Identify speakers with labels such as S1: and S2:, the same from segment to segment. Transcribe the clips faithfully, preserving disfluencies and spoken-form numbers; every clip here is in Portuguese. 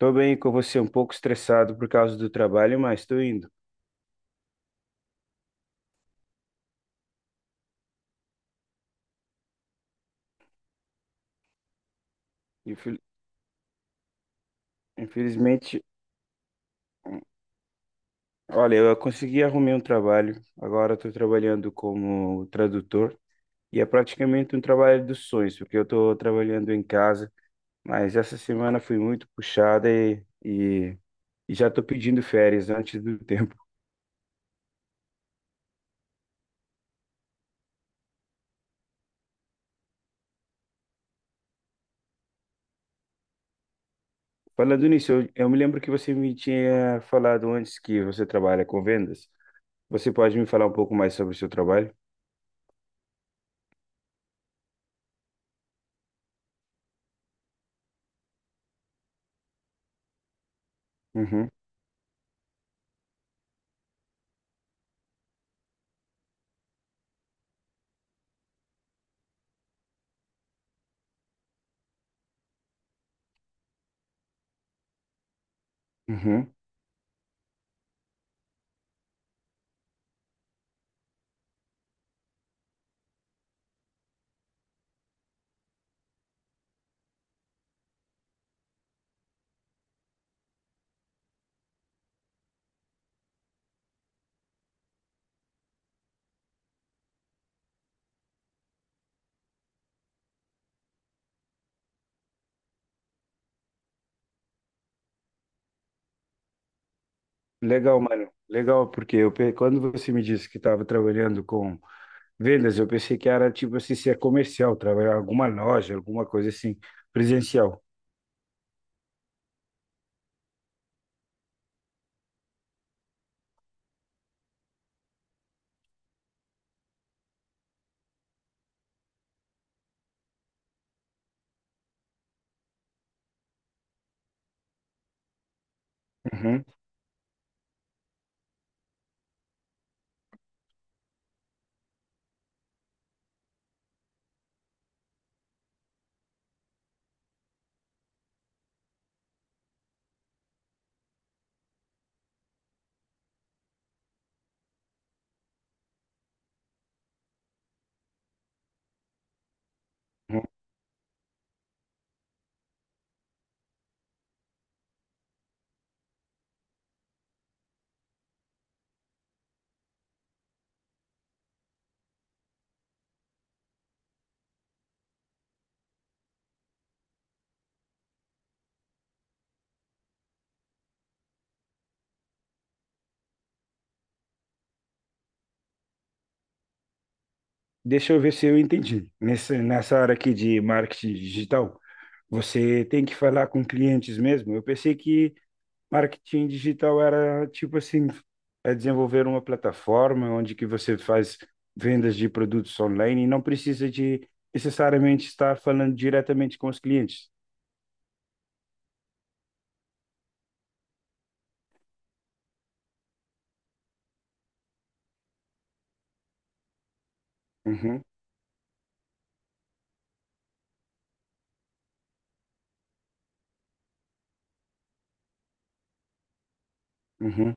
S1: Tô bem com você, um pouco estressado por causa do trabalho, mas tô indo. Infel- Infelizmente, olha, eu consegui arrumar um trabalho. Agora estou trabalhando como tradutor e é praticamente um trabalho dos sonhos, porque eu estou trabalhando em casa. Mas essa semana foi muito puxada e, e, e já estou pedindo férias antes do tempo. Falando nisso, eu, eu me lembro que você me tinha falado antes que você trabalha com vendas. Você pode me falar um pouco mais sobre o seu trabalho? Uhum, uhum. Legal, mano. Legal, porque eu, pe- quando você me disse que estava trabalhando com vendas, eu pensei que era tipo assim, ser comercial, trabalhar em alguma loja, alguma coisa assim, presencial. Uhum, uhum. Deixa eu ver se eu entendi. Nessa, nessa área aqui de marketing digital, você tem que falar com clientes mesmo. Eu pensei que marketing digital era tipo assim, é desenvolver uma plataforma onde que você faz vendas de produtos online e não precisa de necessariamente estar falando diretamente com os clientes. Uhum, uhum.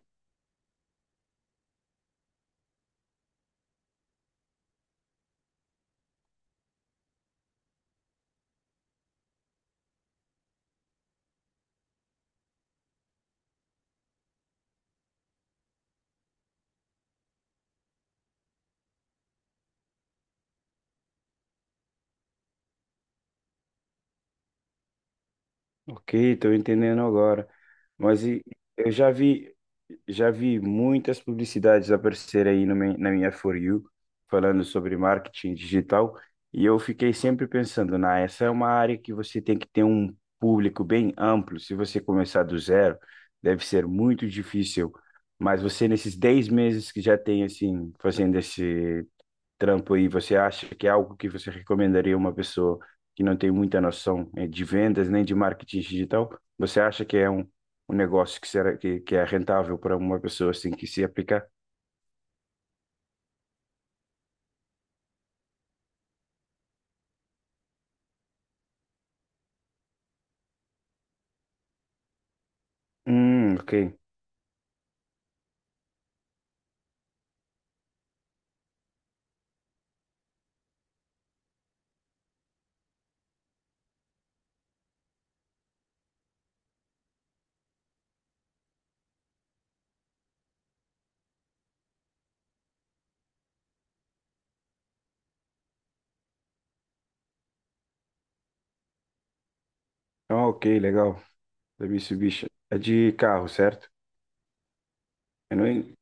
S1: Ok, estou entendendo agora. Mas e- eu já vi, já vi muitas publicidades aparecer aí no meu- na minha For You, falando sobre marketing digital, e eu fiquei sempre pensando, na, essa é uma área que você tem que ter um público bem amplo. Se você começar do zero, deve ser muito difícil. Mas você, nesses dez meses que já tem, assim, fazendo esse trampo aí, você acha que é algo que você recomendaria a uma pessoa que não tem muita noção eh, de vendas nem de marketing digital? Você acha que é um, um negócio que será que, que é rentável para uma pessoa assim que se aplicar? Hum, ok. Ah, ok, legal. Da Mitsubishi. É de carro, certo? Eu não... en-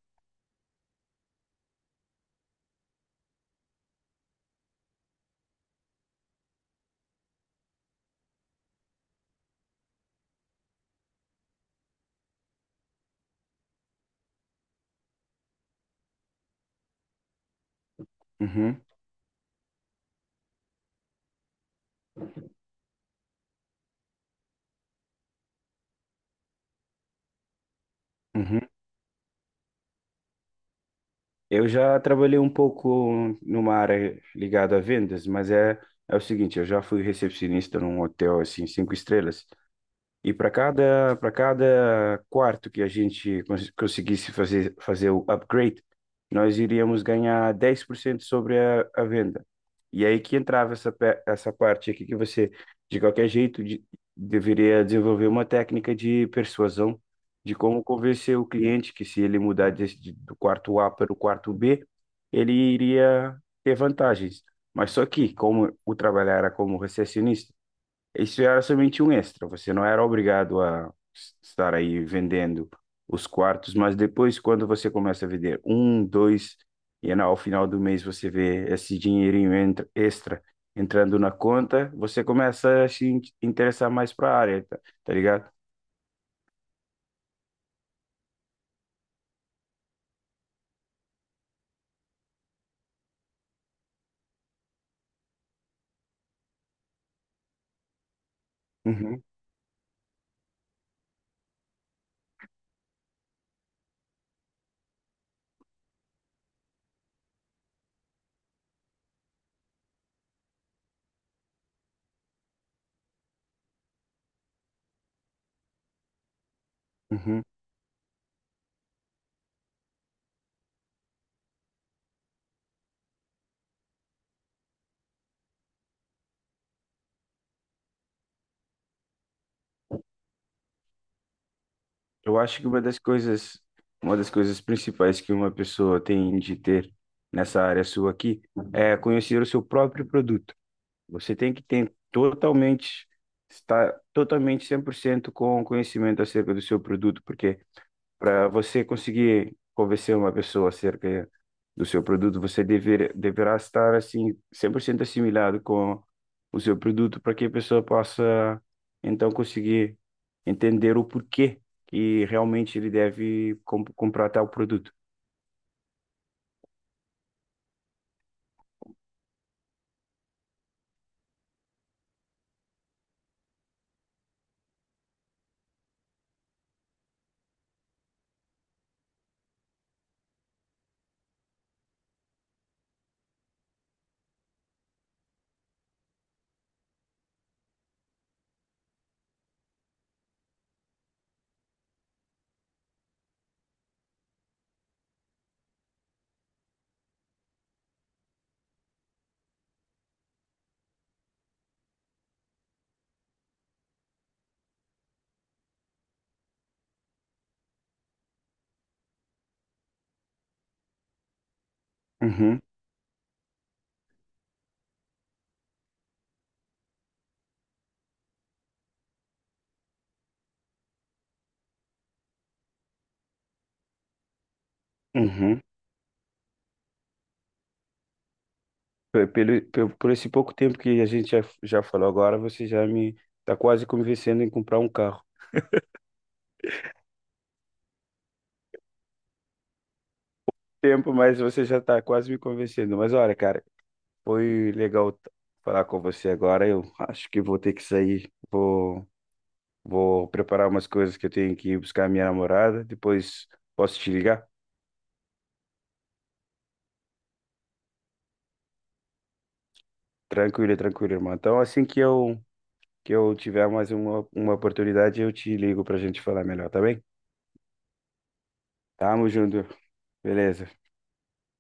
S1: Uhum, uhum. Eu já trabalhei um pouco numa área ligada a vendas, mas é, é o seguinte, eu já fui recepcionista num hotel assim, cinco estrelas. E para cada, para cada quarto que a gente cons- conseguisse fazer, fazer o upgrade, nós iríamos ganhar dez por cento sobre a, a venda. E é aí que entrava essa, pe- essa parte aqui que você, de qualquer jeito, de- deveria desenvolver uma técnica de persuasão, de como convencer o cliente que se ele mudar desse, de- do quarto A para o quarto B, ele iria ter vantagens. Mas só que, como o trabalho era como recepcionista, isso era somente um extra, você não era obrigado a s- estar aí vendendo os quartos, mas depois, quando você começa a vender um, dois, e na- ao final do mês você vê esse dinheirinho entra- extra entrando na conta, você começa a se in- interessar mais para a área, tá, tá ligado? Uhum, uhum. Eu acho que uma das coisas, uma das coisas principais que uma pessoa tem de ter nessa área sua aqui é conhecer o seu próprio produto. Você tem que ter totalmente, estar totalmente cem por cento com conhecimento acerca do seu produto, porque para você conseguir convencer uma pessoa acerca do seu produto, você dever, deverá estar assim cem por cento assimilado com o seu produto para que a pessoa possa então conseguir entender o porquê que realmente ele deve com- comprar tal produto. Uhum, uhum. Pe- Pelo, pe- por esse pouco tempo que a gente já, já falou agora, você já me está quase convencendo em comprar um carro. Tempo, mas você já está quase me convencendo. Mas olha, cara, foi legal t- falar com você agora. Eu acho que vou ter que sair. Vou, vou preparar umas coisas que eu tenho que ir buscar a minha namorada. Depois posso te ligar? Tranquilo, tranquilo, irmão. Então, assim que eu que eu tiver mais uma, uma oportunidade, eu te ligo pra gente falar melhor, tá bem? Tamo junto. Beleza.